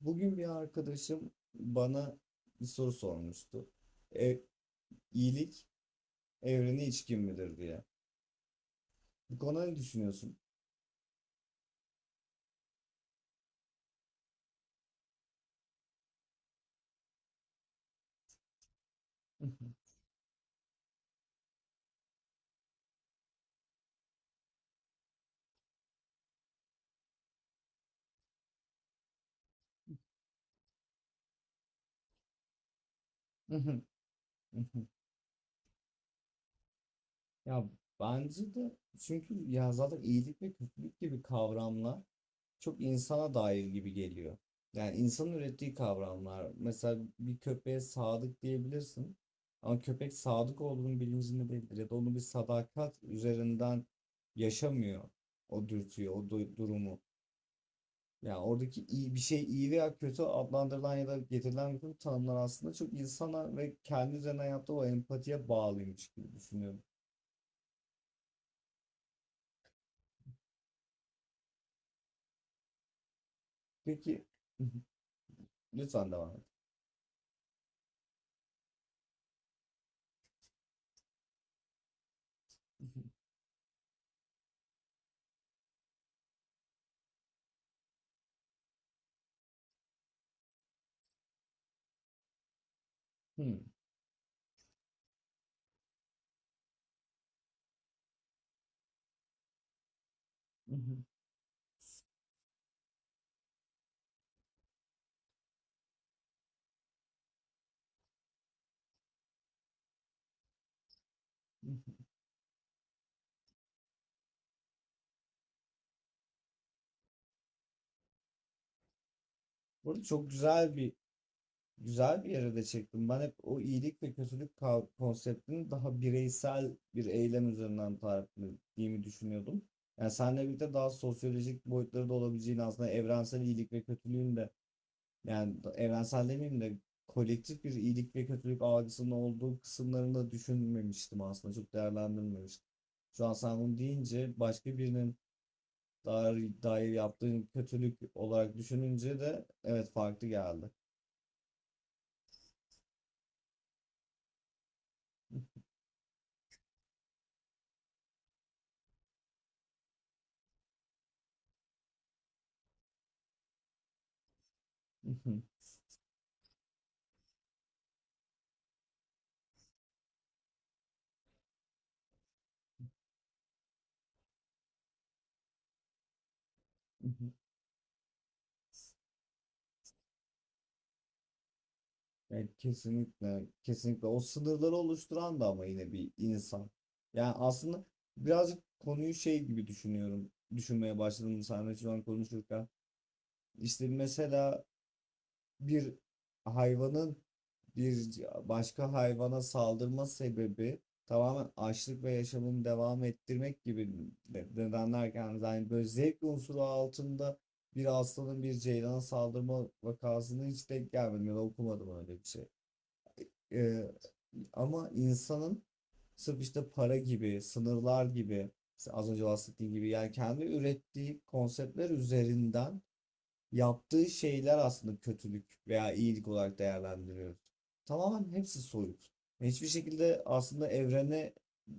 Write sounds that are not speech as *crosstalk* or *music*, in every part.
Bugün bir arkadaşım bana bir soru sormuştu. E, iyilik evrene içkin midir diye. Bu konuda ne düşünüyorsun? *laughs* Ya bence de, çünkü ya zaten iyilik ve kötülük gibi kavramlar çok insana dair gibi geliyor. Yani insanın ürettiği kavramlar. Mesela bir köpeğe sadık diyebilirsin. Ama köpek sadık olduğunun bilincinde değildir, ya da onu bir sadakat üzerinden yaşamıyor o dürtüyü, durumu. Yani oradaki iyi bir şey, iyi veya kötü adlandırılan ya da getirilen bütün tanımlar aslında çok insana ve kendi üzerinden yaptığı o empatiye bağlıymış gibi düşünüyorum. Peki, *laughs* lütfen devam et. Hmm. *laughs* Burada çok güzel bir yere de çektim. Ben hep o iyilik ve kötülük konseptini daha bireysel bir eylem üzerinden tarif ettiğimi düşünüyordum. Yani seninle birlikte daha sosyolojik boyutları da olabileceğini, aslında evrensel iyilik ve kötülüğün de. Yani evrensel demeyeyim de, kolektif bir iyilik ve kötülük algısının olduğu kısımlarını da düşünmemiştim aslında. Çok değerlendirmemiştim. Şu an sen bunu deyince başka birinin dair yaptığın kötülük olarak düşününce de evet, farklı geldi. *laughs* Yani kesinlikle, kesinlikle o sınırları oluşturan da ama yine bir insan. Yani aslında birazcık konuyu şey gibi düşünüyorum. Düşünmeye başladım seninle şu an konuşurken. İşte mesela bir hayvanın bir başka hayvana saldırma sebebi tamamen açlık ve yaşamını devam ettirmek gibi nedenlerken, yani böyle zevk unsuru altında bir aslanın bir ceylana saldırma vakasını hiç denk gelmedim ya da okumadım öyle bir şey. Ee, Ama insanın sırf işte para gibi, sınırlar gibi, az önce bahsettiğim gibi yani kendi ürettiği konseptler üzerinden yaptığı şeyler aslında kötülük veya iyilik olarak değerlendiriyoruz. Tamamen hepsi soyut. Hiçbir şekilde aslında evrene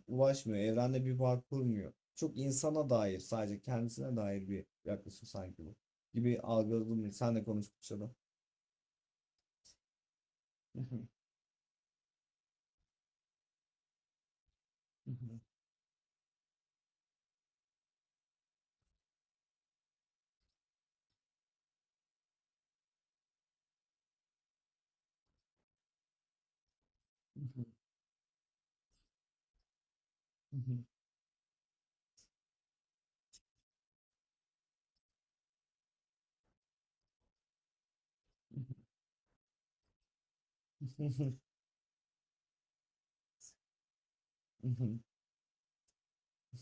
ulaşmıyor. Evrende bir bağ kurmuyor. Çok insana dair, sadece kendisine dair bir yaklaşım sanki bu. Gibi algıladım. Senle konuştukça da.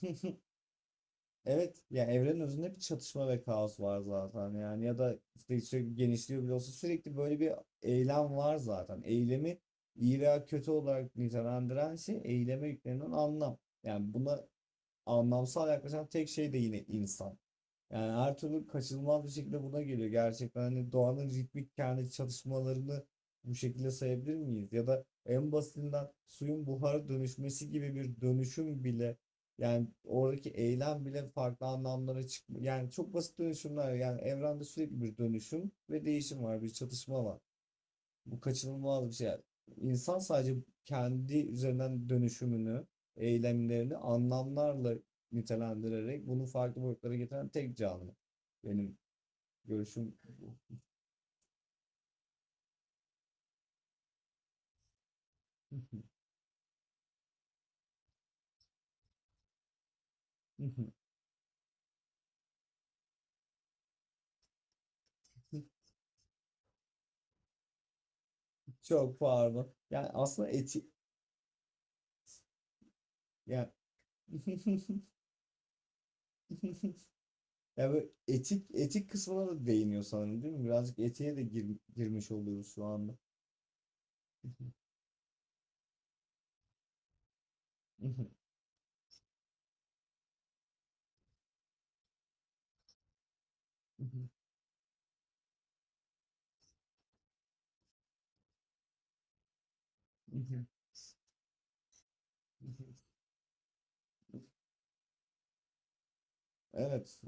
*laughs* Evet, ya evrenin özünde bir çatışma ve kaos var zaten, yani ya da işte sürekli genişliyor bile olsa sürekli böyle bir eylem var zaten. Eylemi iyi veya kötü olarak nitelendiren şey, eyleme yüklenen anlam. Yani buna anlamsal yaklaşan tek şey de yine insan. Yani her türlü kaçınılmaz bir şekilde buna geliyor. Gerçekten hani doğanın ritmik kendi çalışmalarını bu şekilde sayabilir miyiz? Ya da en basitinden suyun buhara dönüşmesi gibi bir dönüşüm bile, yani oradaki eylem bile farklı anlamlara çıkmıyor. Yani çok basit dönüşümler, yani evrende sürekli bir dönüşüm ve değişim var, bir çatışma var. Bu kaçınılmaz bir şey. Yani. İnsan sadece kendi üzerinden dönüşümünü, eylemlerini anlamlarla nitelendirerek bunu farklı boyutlara getiren tek canlı. Benim görüşüm bu. *laughs* Çok pardon. Yani aslında etik, yani *laughs* yani böyle etik kısmına da değiniyor sanırım, değil mi? Birazcık etiğe de girmiş oluyoruz şu anda. *laughs* Evet.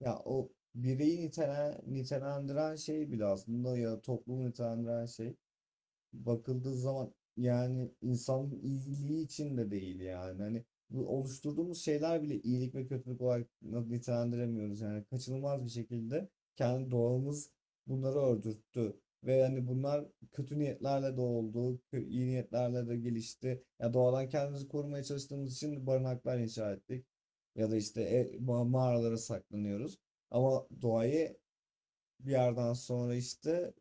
Ya o bireyi nitelendiren şey bile, aslında ya toplumu nitelendiren şey bakıldığı zaman, yani insanın iyiliği için de değil yani. Hani bu oluşturduğumuz şeyler bile iyilik ve kötülük olarak nitelendiremiyoruz. Yani kaçınılmaz bir şekilde kendi doğamız bunları öldürttü. Ve hani bunlar kötü niyetlerle de oldu, iyi niyetlerle de gelişti. Ya doğadan kendimizi korumaya çalıştığımız için barınaklar inşa ettik. Ya da işte mağaralara saklanıyoruz. Ama doğayı bir yerden sonra işte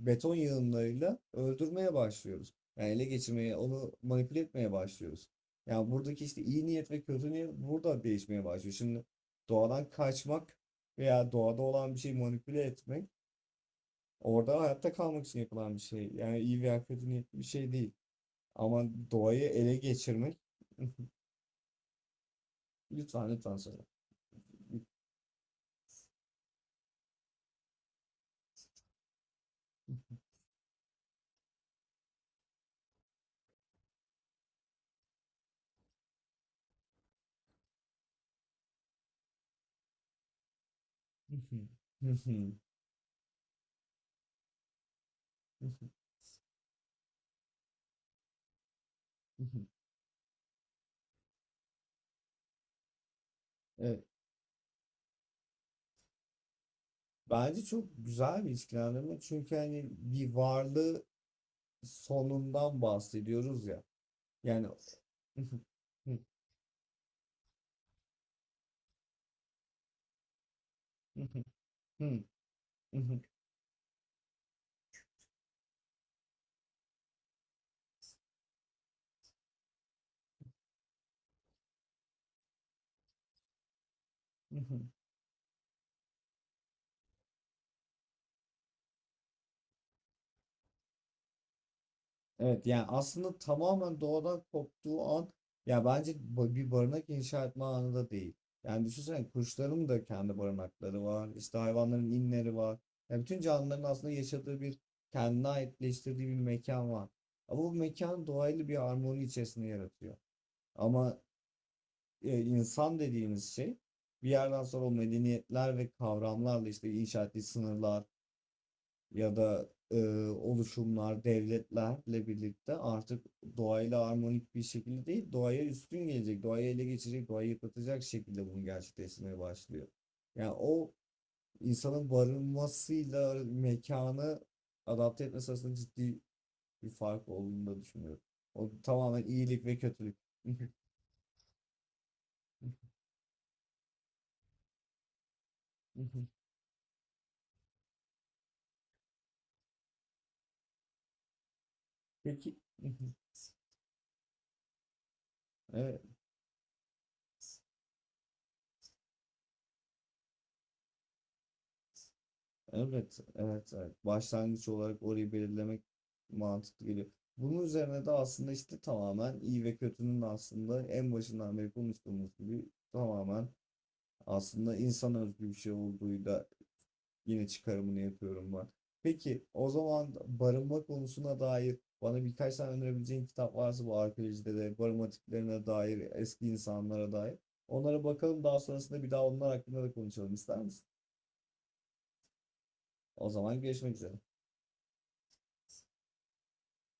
beton yığınlarıyla öldürmeye başlıyoruz. Yani ele geçirmeye, onu manipüle etmeye başlıyoruz. Yani buradaki işte iyi niyet ve kötü niyet burada değişmeye başlıyor. Şimdi doğadan kaçmak veya doğada olan bir şeyi manipüle etmek, orada hayatta kalmak için yapılan bir şey. Yani iyi veya kötü niyetli bir şey değil. Ama doğayı ele geçirmek. *laughs* Lütfen lütfen söyle. *laughs* Evet. Bence çok güzel bir ilişkilendirme, çünkü hani bir varlığı sonundan bahsediyoruz ya. Yani *laughs* evet, yani aslında tamamen doğadan koptuğu an, ya bence bir barınak inşa etme anı da değil. Yani düşünsene, kuşların da kendi barınakları var, işte hayvanların inleri var. Ya bütün canlıların aslında yaşadığı bir, kendine aitleştirdiği bir mekan var. Ama bu mekan doğayla bir harmoni içerisinde yaratıyor. Ama insan dediğimiz şey bir yerden sonra o medeniyetler ve kavramlarla işte inşa ettiği sınırlar ya da oluşumlar, devletlerle birlikte artık doğayla harmonik bir şekilde değil, doğaya üstün gelecek, doğayı ele geçirecek, doğayı yıpratacak şekilde bunu gerçekleştirmeye başlıyor. Yani o insanın barınmasıyla mekanı adapte etmesi arasında ciddi bir fark olduğunu da düşünüyorum. O tamamen iyilik ve kötülük. *laughs* Peki. *laughs* Evet. Evet, evet, evet, Başlangıç olarak orayı belirlemek mantıklı geliyor. Bunun üzerine de aslında işte tamamen iyi ve kötünün, aslında en başından beri konuştuğumuz gibi, tamamen aslında insan özgü bir şey olduğuyla yine çıkarımını yapıyorum ben. Peki o zaman, barınma konusuna dair bana birkaç tane önerebileceğin kitap varsa, bu arkeolojide de barınma tiplerine dair, eski insanlara dair. Onlara bakalım, daha sonrasında bir daha onlar hakkında da konuşalım, ister misin? O zaman görüşmek üzere.